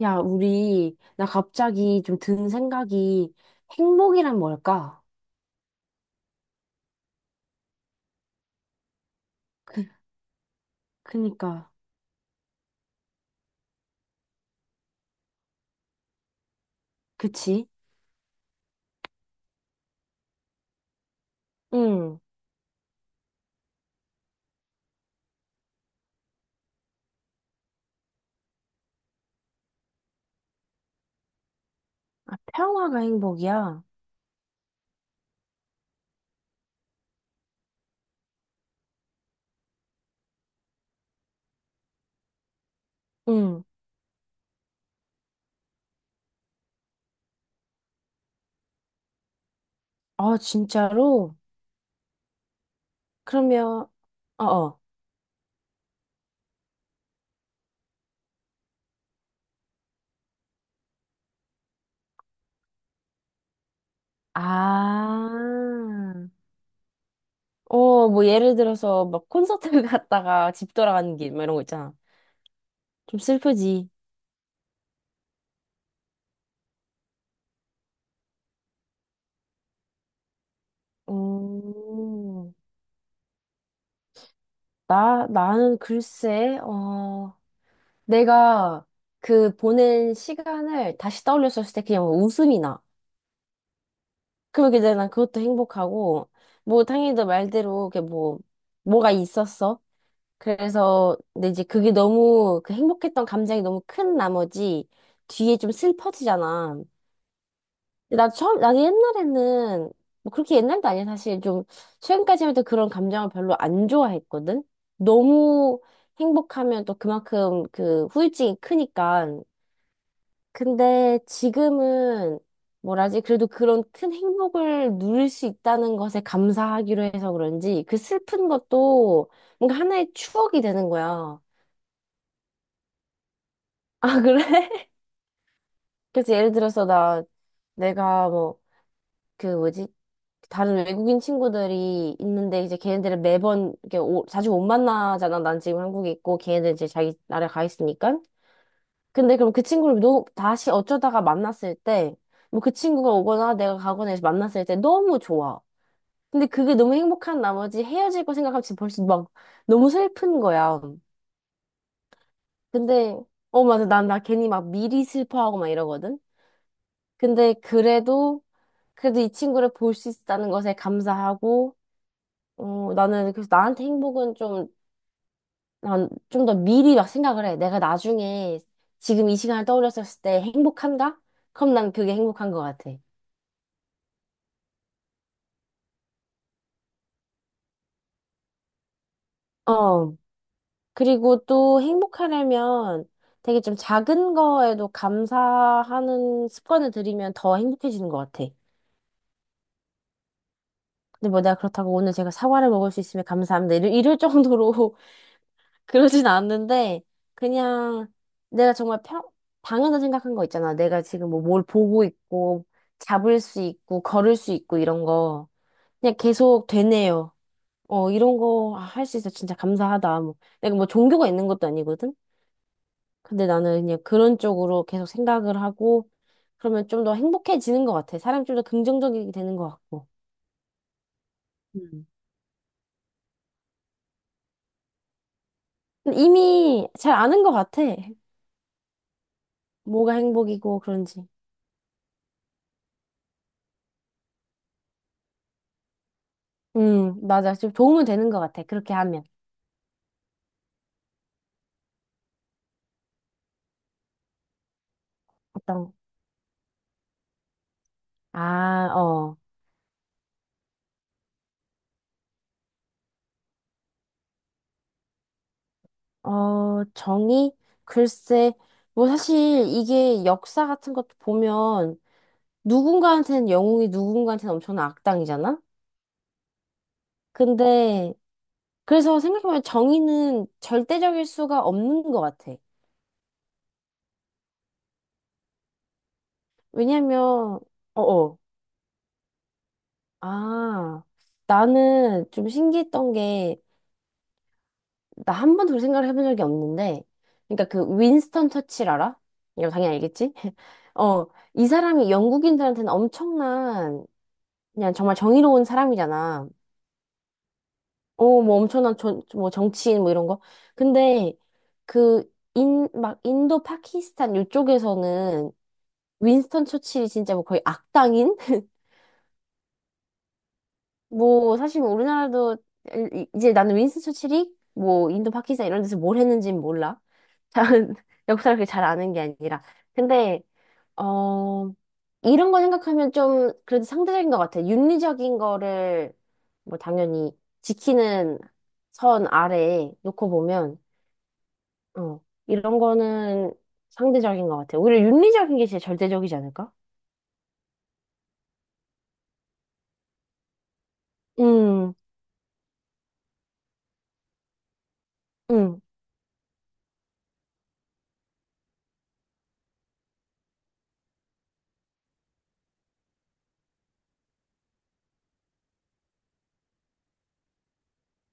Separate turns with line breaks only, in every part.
야, 우리, 나 갑자기 좀 든 생각이 행복이란 뭘까? 그, 그니까, 그치? 응. 아, 평화가 행복이야. 응. 아, 진짜로? 그러면, 어어. 아, 뭐, 예를 들어서, 막, 콘서트 갔다가 집 돌아가는 길, 막 이런 거 있잖아. 좀 슬프지. 오, 나는 글쎄, 내가 그 보낸 시간을 다시 떠올렸을 때 그냥 뭐 웃음이 나. 그러게 이제 난 그것도 행복하고, 뭐 당연히 너 말대로 그 뭐, 뭐가 있었어. 그래서 근데 이제 그게 너무 그 행복했던 감정이 너무 큰 나머지 뒤에 좀 슬퍼지잖아. 근데 나도 옛날에는 뭐 그렇게 옛날도 아니야. 사실 좀 최근까지만 해도 그런 감정을 별로 안 좋아했거든. 너무 행복하면 또 그만큼 그 후유증이 크니까. 근데 지금은 뭐라지? 그래도 그런 큰 행복을 누릴 수 있다는 것에 감사하기로 해서 그런지 그 슬픈 것도 뭔가 하나의 추억이 되는 거야. 아, 그래? 그래서 예를 들어서 나 내가 뭐 그 뭐지? 다른 외국인 친구들이 있는데 이제 걔네들은 매번 이렇게 자주 못 만나잖아. 난 지금 한국에 있고 걔네들 이제 자기 나라에 가 있으니까. 근데 그럼 그 친구를 다시 어쩌다가 만났을 때, 뭐 그 친구가 오거나 내가 가거나 해서 만났을 때 너무 좋아. 근데 그게 너무 행복한 나머지 헤어질 거 생각하면 지금 벌써 막 너무 슬픈 거야. 근데, 어, 맞아. 나 괜히 막 미리 슬퍼하고 막 이러거든? 근데 그래도 이 친구를 볼 수 있다는 것에 감사하고, 나는 그래서 나한테 행복은 좀, 난 좀 더 미리 막 생각을 해. 내가 나중에 지금 이 시간을 떠올렸을 때 행복한가? 그럼 난 그게 행복한 것 같아. 어, 그리고 또 행복하려면 되게 좀 작은 거에도 감사하는 습관을 들이면 더 행복해지는 것 같아. 근데 뭐 내가 그렇다고 오늘 제가 사과를 먹을 수 있으면 감사합니다. 이럴 정도로 그러진 않는데, 그냥 내가 정말 당연하다 생각한 거 있잖아. 내가 지금 뭘 보고 있고, 잡을 수 있고, 걸을 수 있고, 이런 거. 그냥 계속 되네요. 어, 이런 거 할 수 있어. 진짜 감사하다. 뭐. 내가 뭐 종교가 있는 것도 아니거든? 근데 나는 그냥 그런 쪽으로 계속 생각을 하고 그러면 좀 더 행복해지는 것 같아. 사람이 좀 더 긍정적이 되는 것 같고. 음. 근데 이미 잘 아는 것 같아. 뭐가 행복이고 그런지. 맞아. 좀 도움은 되는 것 같아. 그렇게 하면. 어떤? 아, 어. 어, 정의? 글쎄. 뭐 사실 이게 역사 같은 것도 보면 누군가한테는 영웅이 누군가한테는 엄청난 악당이잖아? 근데 그래서 생각해보면 정의는 절대적일 수가 없는 것 같아. 왜냐면, 어어. 아, 나는 좀 신기했던 게, 나 한 번도 그렇게 생각을 해본 적이 없는데, 그러니까 그 윈스턴 처칠 알아? 이거 당연히 알겠지? 어, 이 사람이 영국인들한테는 엄청난, 그냥 정말 정의로운 사람이잖아. 뭐 엄청난 뭐 정치인 뭐 이런 거. 근데, 그, 막 인도 파키스탄 이쪽에서는 윈스턴 처칠이 진짜 뭐 거의 악당인? 뭐 사실 뭐 우리나라도 이제 나는 윈스턴 처칠이 뭐 인도 파키스탄 이런 데서 뭘 했는지는 몰라. 잘 역사를 그렇게 잘 아는 게 아니라. 근데 어 이런 거 생각하면 좀 그래도 상대적인 것 같아. 윤리적인 거를 뭐 당연히 지키는 선 아래에 놓고 보면 어 이런 거는 상대적인 것 같아. 오히려 윤리적인 게 제일 절대적이지 않을까? 음, 음.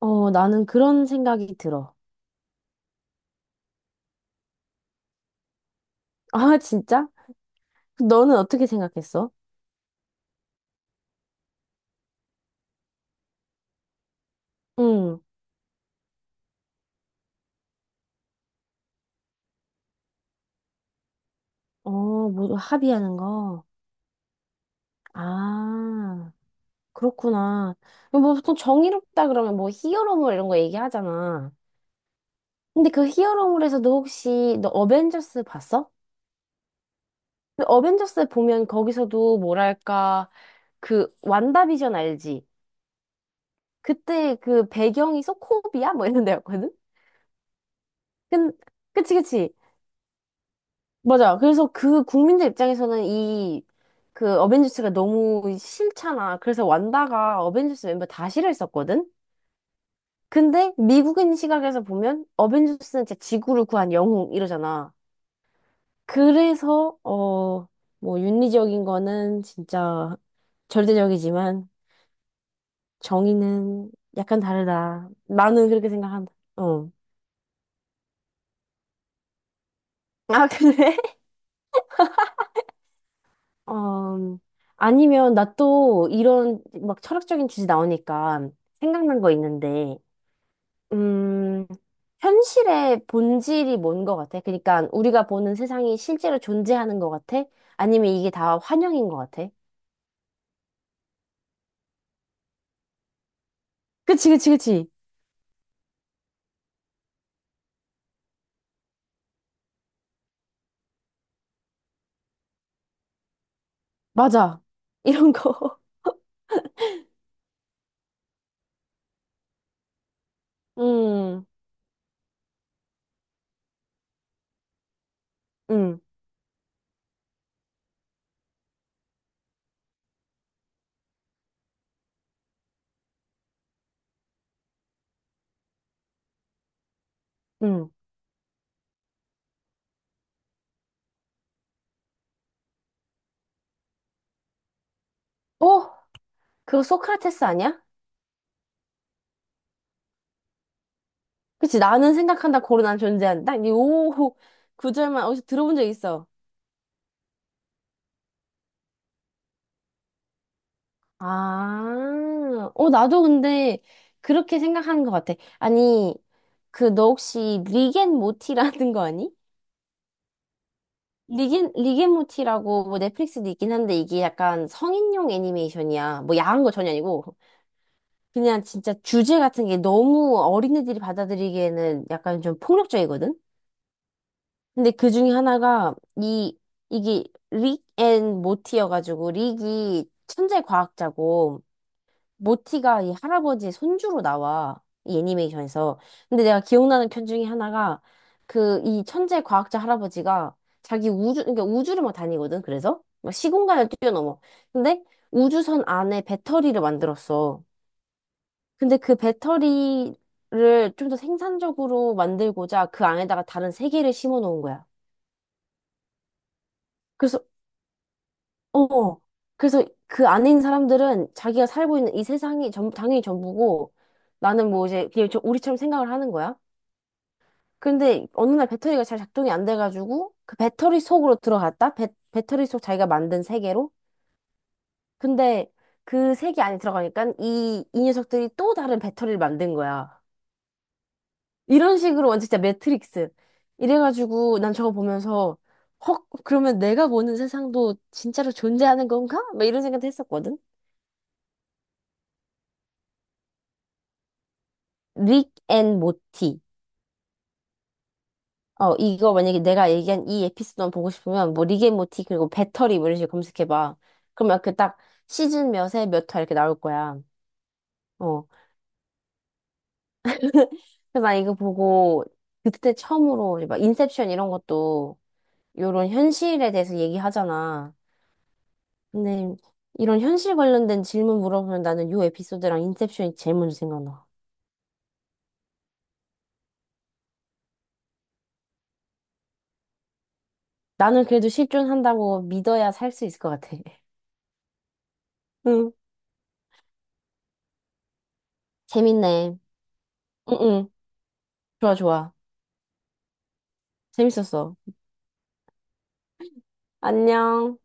어, 나는 그런 생각이 들어. 아, 진짜? 너는 어떻게 생각했어? 응. 어, 뭐 합의하는 거. 아, 그렇구나. 뭐 보통 정의롭다 그러면 뭐 히어로물 이런 거 얘기하잖아. 근데 그 히어로물에서도 혹시 너 어벤져스 봤어? 근데 어벤져스 보면 거기서도 뭐랄까 그 완다비전 알지? 그때 그 배경이 소코비아 뭐 이런 데였거든? 근 그치, 그치. 맞아. 그래서 그 국민들 입장에서는 이 그 어벤져스가 너무 싫잖아. 그래서 완다가 어벤져스 멤버 다 싫어했었거든. 근데 미국인 시각에서 보면 어벤져스는 진짜 지구를 구한 영웅 이러잖아. 그래서 뭐 윤리적인 거는 진짜 절대적이지만 정의는 약간 다르다. 나는 그렇게 생각한다. 어. 아, 그래? 음, 아니면 나 또 이런 막 철학적인 주제 나오니까 생각난 거 있는데, 음, 현실의 본질이 뭔 것 같아? 그러니까 우리가 보는 세상이 실제로 존재하는 것 같아? 아니면 이게 다 환영인 것 같아? 그치, 그치, 그치. 맞아. 이런 거. 음, 음, 음. 어? 그거 소크라테스 아니야? 그치, 나는 생각한다, 고로 난 존재한다. 이 구절만 어디서 들어본 적 있어. 아, 어, 나도 근데 그렇게 생각하는 것 같아. 아니, 너 혹시 리겐 모티라는 거 아니? 리겐 모티라고 뭐 넷플릭스도 있긴 한데 이게 약간 성인용 애니메이션이야. 뭐 야한 거 전혀 아니고. 그냥 진짜 주제 같은 게 너무 어린애들이 받아들이기에는 약간 좀 폭력적이거든? 근데 그 중에 하나가 이게 릭 앤 모티여가지고 릭이 천재 과학자고 모티가 이 할아버지 손주로 나와. 이 애니메이션에서. 근데 내가 기억나는 편 중에 하나가 그 이 천재 과학자 할아버지가 자기 우주, 그러니까 우주를 막 다니거든. 그래서 막 시공간을 뛰어넘어. 근데 우주선 안에 배터리를 만들었어. 근데 그 배터리를 좀 더 생산적으로 만들고자 그 안에다가 다른 세계를 심어 놓은 거야. 그래서 어. 그래서 그 안에 있는 사람들은 자기가 살고 있는 이 세상이 전, 당연히 전부고 나는 뭐 이제 그냥 우리처럼 생각을 하는 거야. 근데 어느 날 배터리가 잘 작동이 안 돼가지고 그 배터리 속으로 들어갔다? 배터리 속 자기가 만든 세계로? 근데 그 세계 안에 들어가니까 이 녀석들이 또 다른 배터리를 만든 거야. 이런 식으로 완전 진짜 매트릭스. 이래가지고 난 저거 보면서 헉, 그러면 내가 보는 세상도 진짜로 존재하는 건가? 막 이런 생각도 했었거든. 릭 앤 모티. 어, 이거 만약에 내가 얘기한 이 에피소드만 보고 싶으면 뭐 릭 앤 모티 그리고 배터리 뭐 이런 식으로 검색해봐. 그러면 그 딱 시즌 몇에 몇 화 이렇게 나올 거야. 어. 그래서 나 이거 보고 그때 처음으로 이제 막 인셉션 이런 것도 이런 현실에 대해서 얘기하잖아. 근데 이런 현실 관련된 질문 물어보면 나는 요 에피소드랑 인셉션이 제일 먼저 생각나. 나는 그래도 실존한다고 믿어야 살 수 있을 것 같아. 응. 재밌네. 응, 응. 좋아, 좋아. 재밌었어. 안녕.